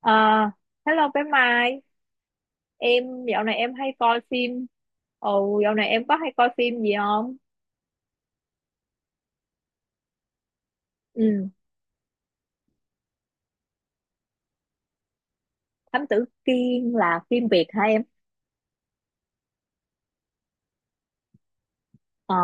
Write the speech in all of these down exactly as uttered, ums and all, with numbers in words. Ờ, Hello bé Mai, em dạo này em hay coi phim. Ồ, dạo này em có hay coi phim gì không? Ừ, Thám Tử Kiên là phim Việt hả em? Ờ,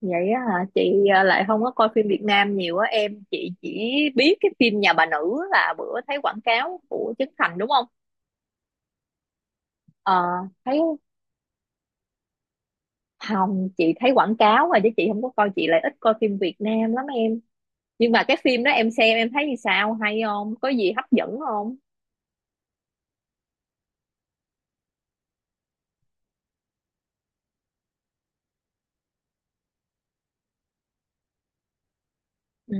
vậy á hả? Chị ờ, lại không có coi phim Việt Nam nhiều á em. Chị chỉ biết cái phim Nhà bà nữ là bữa thấy quảng cáo của Trấn Thành đúng không? Ờ, thấy không, chị thấy quảng cáo rồi chứ chị không có coi, chị lại ít coi phim Việt Nam lắm em. Nhưng mà cái phim đó em xem em thấy như sao? Hay không? Có gì hấp dẫn không? Ừ.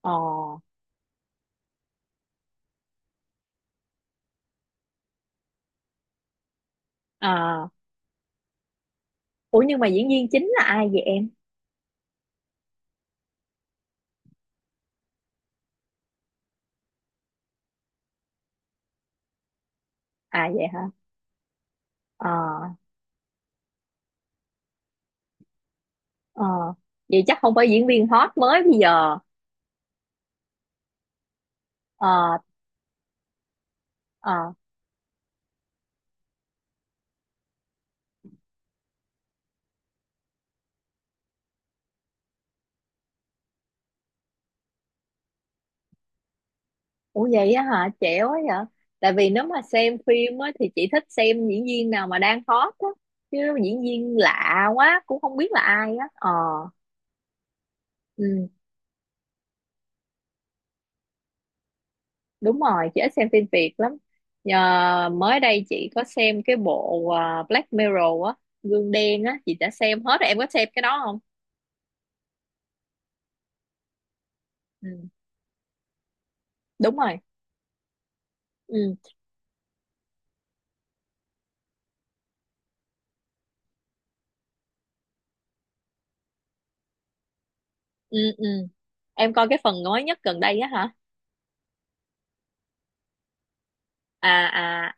Ờ. À, ủa nhưng mà diễn viên chính là ai vậy em? À vậy hả? Ờ, ờ. Vậy chắc không phải diễn viên hot mới bây giờ. Ờ, ờ. Ủa vậy á hả? Trẻ quá vậy. Tại vì nếu mà xem phim á thì chị thích xem diễn viên nào mà đang hot á. Chứ diễn viên lạ quá cũng không biết là ai á. Ờ, ừ, đúng rồi, chị ít xem phim Việt lắm. Nhờ mới đây chị có xem cái bộ à, Black Mirror á, gương đen á, chị đã xem hết rồi. Em có xem cái đó không? Ừ, đúng rồi. Ừ. Ừ ừ, em coi cái phần mới nhất gần đây á hả? À à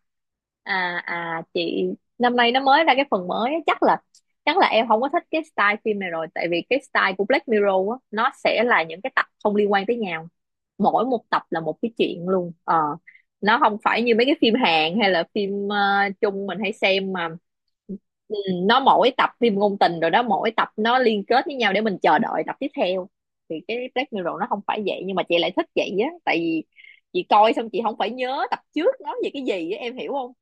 à à, chị năm nay nó mới ra cái phần mới á, chắc là chắc là em không có thích cái style phim này rồi, tại vì cái style của Black Mirror á, nó sẽ là những cái tập không liên quan tới nhau, mỗi một tập là một cái chuyện luôn ờ nó không phải như mấy cái phim Hàn hay là phim ờ, Trung mình hay xem mà, ừ, nó mỗi tập phim ngôn tình rồi đó, mỗi tập nó liên kết với nhau để mình chờ đợi tập tiếp theo. Thì cái Black Mirror nó không phải vậy, nhưng mà chị lại thích vậy á, tại vì chị coi xong chị không phải nhớ tập trước nói về cái gì á, em hiểu không?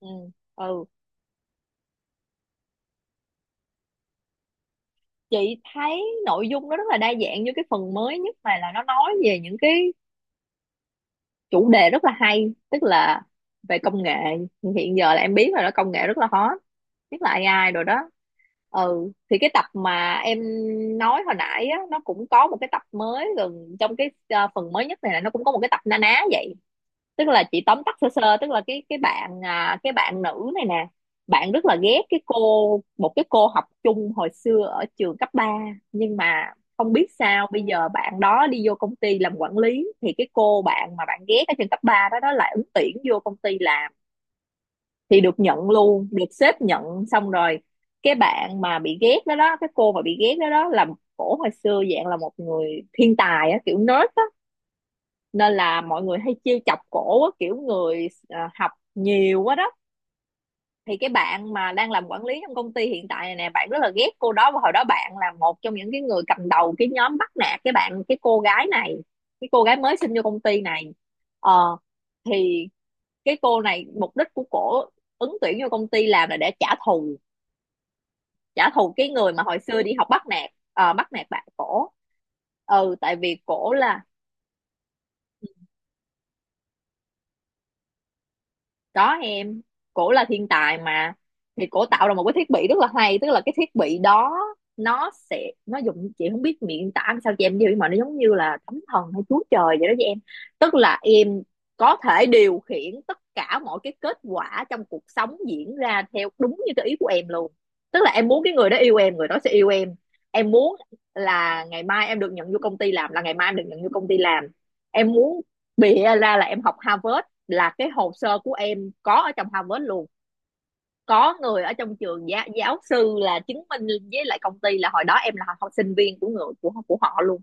Ừ ừ. Chị thấy nội dung nó rất là đa dạng, như cái phần mới nhất này là nó nói về những cái chủ đề rất là hay, tức là về công nghệ hiện giờ, là em biết rồi đó, công nghệ rất là hot, nhất là a i rồi đó. Ừ, thì cái tập mà em nói hồi nãy á, nó cũng có một cái tập mới gần trong cái ờ, phần mới nhất này, là nó cũng có một cái tập na ná vậy. Tức là chị tóm tắt sơ sơ, tức là cái cái bạn à, cái bạn nữ này nè, bạn rất là ghét cái cô một cái cô học chung hồi xưa ở trường cấp ba, nhưng mà không biết sao bây giờ bạn đó đi vô công ty làm quản lý, thì cái cô bạn mà bạn ghét ở trường cấp ba đó đó lại ứng tuyển vô công ty làm thì được nhận luôn, được sếp nhận. Xong rồi cái bạn mà bị ghét đó đó, cái cô mà bị ghét đó đó là, cổ hồi xưa dạng là một người thiên tài á, kiểu nerd á, nên là mọi người hay chiêu chọc cổ á, kiểu người à, học nhiều quá đó. Thì cái bạn mà đang làm quản lý trong công ty hiện tại này nè, bạn rất là ghét cô đó, và hồi đó bạn là một trong những cái người cầm đầu cái nhóm bắt nạt cái bạn cái cô gái này, cái cô gái mới xin vô công ty này ờ thì cái cô này, mục đích của cổ ứng tuyển vô công ty làm là để trả thù trả thù cái người mà hồi xưa đi học bắt nạt, ờ, bắt nạt bạn cổ. Ừ, tại vì cổ là, có em, cổ là thiên tài mà, thì cổ tạo ra một cái thiết bị rất là hay, tức là cái thiết bị đó, nó sẽ nó dùng, chị không biết miệng tả làm sao cho em hiểu, nhưng mà nó giống như là thánh thần hay chúa trời vậy đó với em. Tức là em có thể điều khiển tất cả mọi cái kết quả trong cuộc sống diễn ra theo đúng như cái ý của em luôn. Tức là em muốn cái người đó yêu em, người đó sẽ yêu em. Em muốn là ngày mai em được nhận vô công ty làm, là ngày mai em được nhận vô công ty làm. Em muốn bịa ra là em học Harvard, là cái hồ sơ của em có ở trong Harvard luôn, có người ở trong trường giáo, giáo sư là chứng minh với lại công ty là hồi đó em là học sinh viên của người của của họ luôn.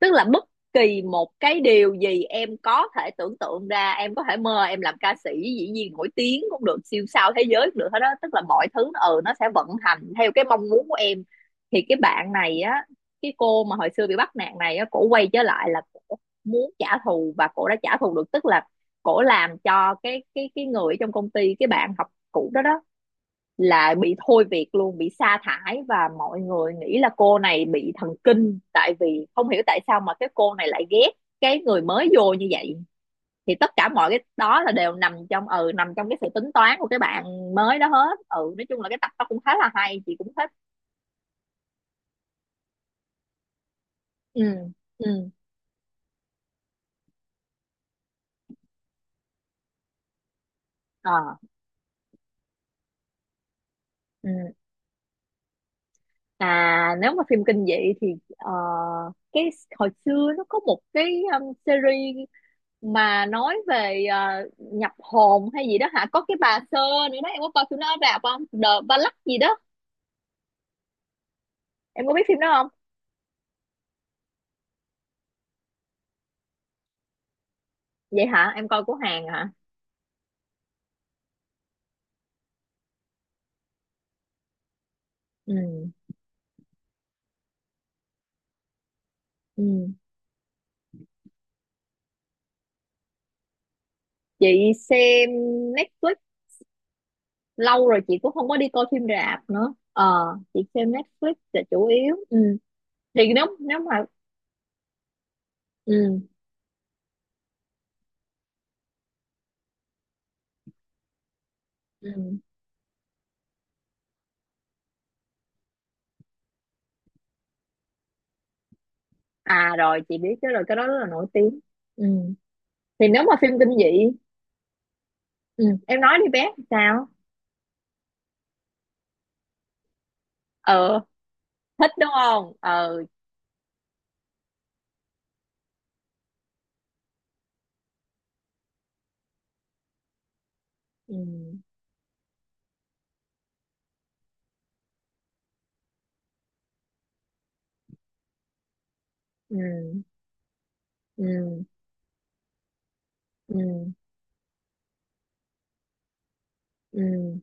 Tức là bất kỳ một cái điều gì em có thể tưởng tượng ra, em có thể mơ em làm ca sĩ, dĩ nhiên nổi tiếng cũng được, siêu sao thế giới cũng được hết đó, tức là mọi thứ ừ nó sẽ vận hành theo cái mong muốn của em. Thì cái bạn này á, cái cô mà hồi xưa bị bắt nạt này á, cổ quay trở lại là cổ muốn trả thù, và cổ đã trả thù được. Tức là cổ làm cho cái cái cái người trong công ty, cái bạn học cũ đó đó, là bị thôi việc luôn, bị sa thải, và mọi người nghĩ là cô này bị thần kinh, tại vì không hiểu tại sao mà cái cô này lại ghét cái người mới vô như vậy. Thì tất cả mọi cái đó là đều nằm trong ừ nằm trong cái sự tính toán của cái bạn mới đó hết. Ừ, nói chung là cái tập đó cũng khá là hay, chị cũng thích. Ừ. Ừ. Ờ. Ừ. À, nếu mà phim kinh dị thì, ờ, cái hồi xưa nó có một cái um, series mà nói về ờ, nhập hồn hay gì đó hả, có cái bà sơ nữa đó, em có coi phim đó rạp không? The Ballad gì đó, em có biết phim đó không? Vậy hả, em coi của Hàn hả? Ừ ừ. Chị xem Netflix lâu rồi, chị cũng không có đi coi phim rạp nữa ờ chị xem Netflix là chủ yếu. Ừ, thì nếu nếu mà. Ừ ừ. À, rồi chị biết cái rồi, cái đó rất là nổi tiếng. Ừ, thì nếu mà phim kinh dị. Ừ, em nói đi bé sao? Ờ, thích đúng không? Ờ. Ừ. Ừ. Ừ. Ừ. Ừ.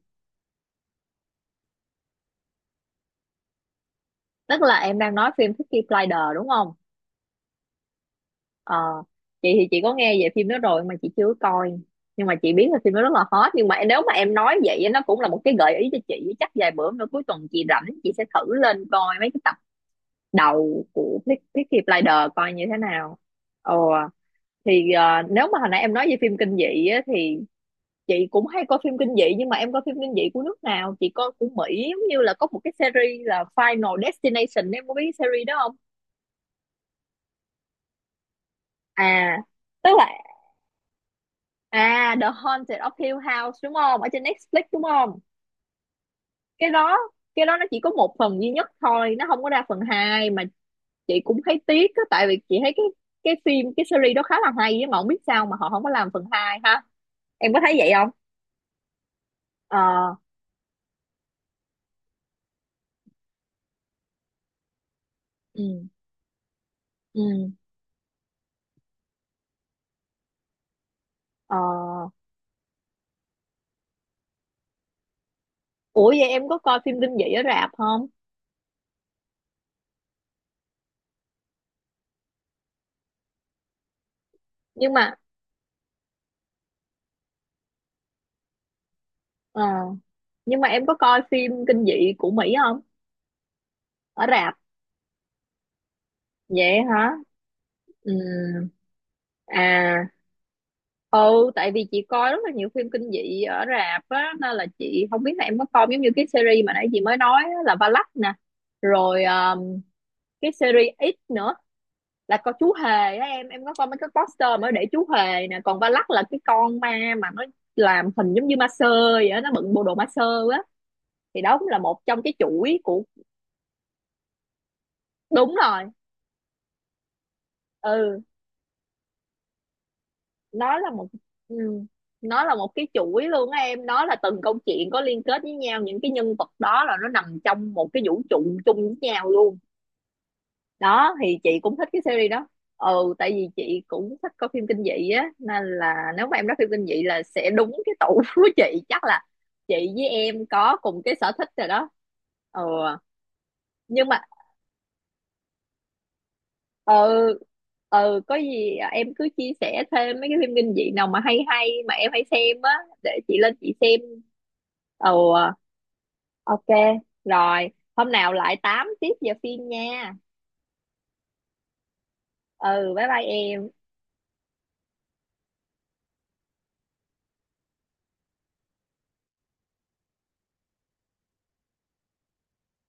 Tức là em đang nói phim Peaky Blinders đúng không? Ờ, chị thì chị có nghe về phim đó rồi mà chị chưa coi, nhưng mà chị biết là phim đó rất là hot. Nhưng mà nếu mà em nói vậy á, nó cũng là một cái gợi ý cho chị, chắc vài bữa nữa cuối tuần chị rảnh, chị sẽ thử lên coi mấy cái tập đầu của Pe- Peaky Blinders coi như thế nào. Ờ, thì ờ, nếu mà hồi nãy em nói về phim kinh dị á, thì chị cũng hay coi phim kinh dị, nhưng mà em coi phim kinh dị của nước nào? Chị coi của Mỹ, giống như là có một cái series là Final Destination, em có biết cái series đó không? À, tức là à The Haunted of Hill House đúng không, ở trên Netflix đúng không? Cái đó cái đó nó chỉ có một phần duy nhất thôi, nó không có ra phần hai, mà chị cũng thấy tiếc á, tại vì chị thấy cái cái phim, cái series đó khá là hay á, mà không biết sao mà họ không có làm phần hai ha, em có thấy vậy không? Ờ. Ừ. Ừ. Ờ. Ủa vậy em có coi phim kinh dị ở rạp không? Nhưng mà Ờ, nhưng mà em có coi phim kinh dị của Mỹ không? Ở rạp. Vậy hả? Ừm, À, ừ, tại vì chị coi rất là nhiều phim kinh dị ở rạp á, nên là chị không biết là em có coi giống như cái series mà nãy chị mới nói á, là Valak nè. Rồi ờm, cái series X nữa, là con chú hề á, em em có coi mấy cái poster mới để chú hề nè, còn Valak là cái con ma mà nó làm hình giống như ma sơ vậy á, nó bận bộ đồ ma sơ á, thì đó cũng là một trong cái chuỗi của. Đúng rồi. Ừ, nó là một ừ, nó là một cái chuỗi luôn á em, nó là từng câu chuyện có liên kết với nhau, những cái nhân vật đó là nó nằm trong một cái vũ trụ chung với nhau luôn đó, thì chị cũng thích cái series đó. Ừ, tại vì chị cũng thích coi phim kinh dị á, nên là nếu mà em nói phim kinh dị là sẽ đúng cái tủ của chị, chắc là chị với em có cùng cái sở thích rồi đó. Ừ, nhưng mà, ừ ừ, có gì em cứ chia sẻ thêm mấy cái phim kinh dị nào mà hay hay mà em hay xem á, để chị lên chị xem. Ừ. Ờ, ok, rồi hôm nào lại tám tiếp giờ phim nha. Ừ, bye bye em.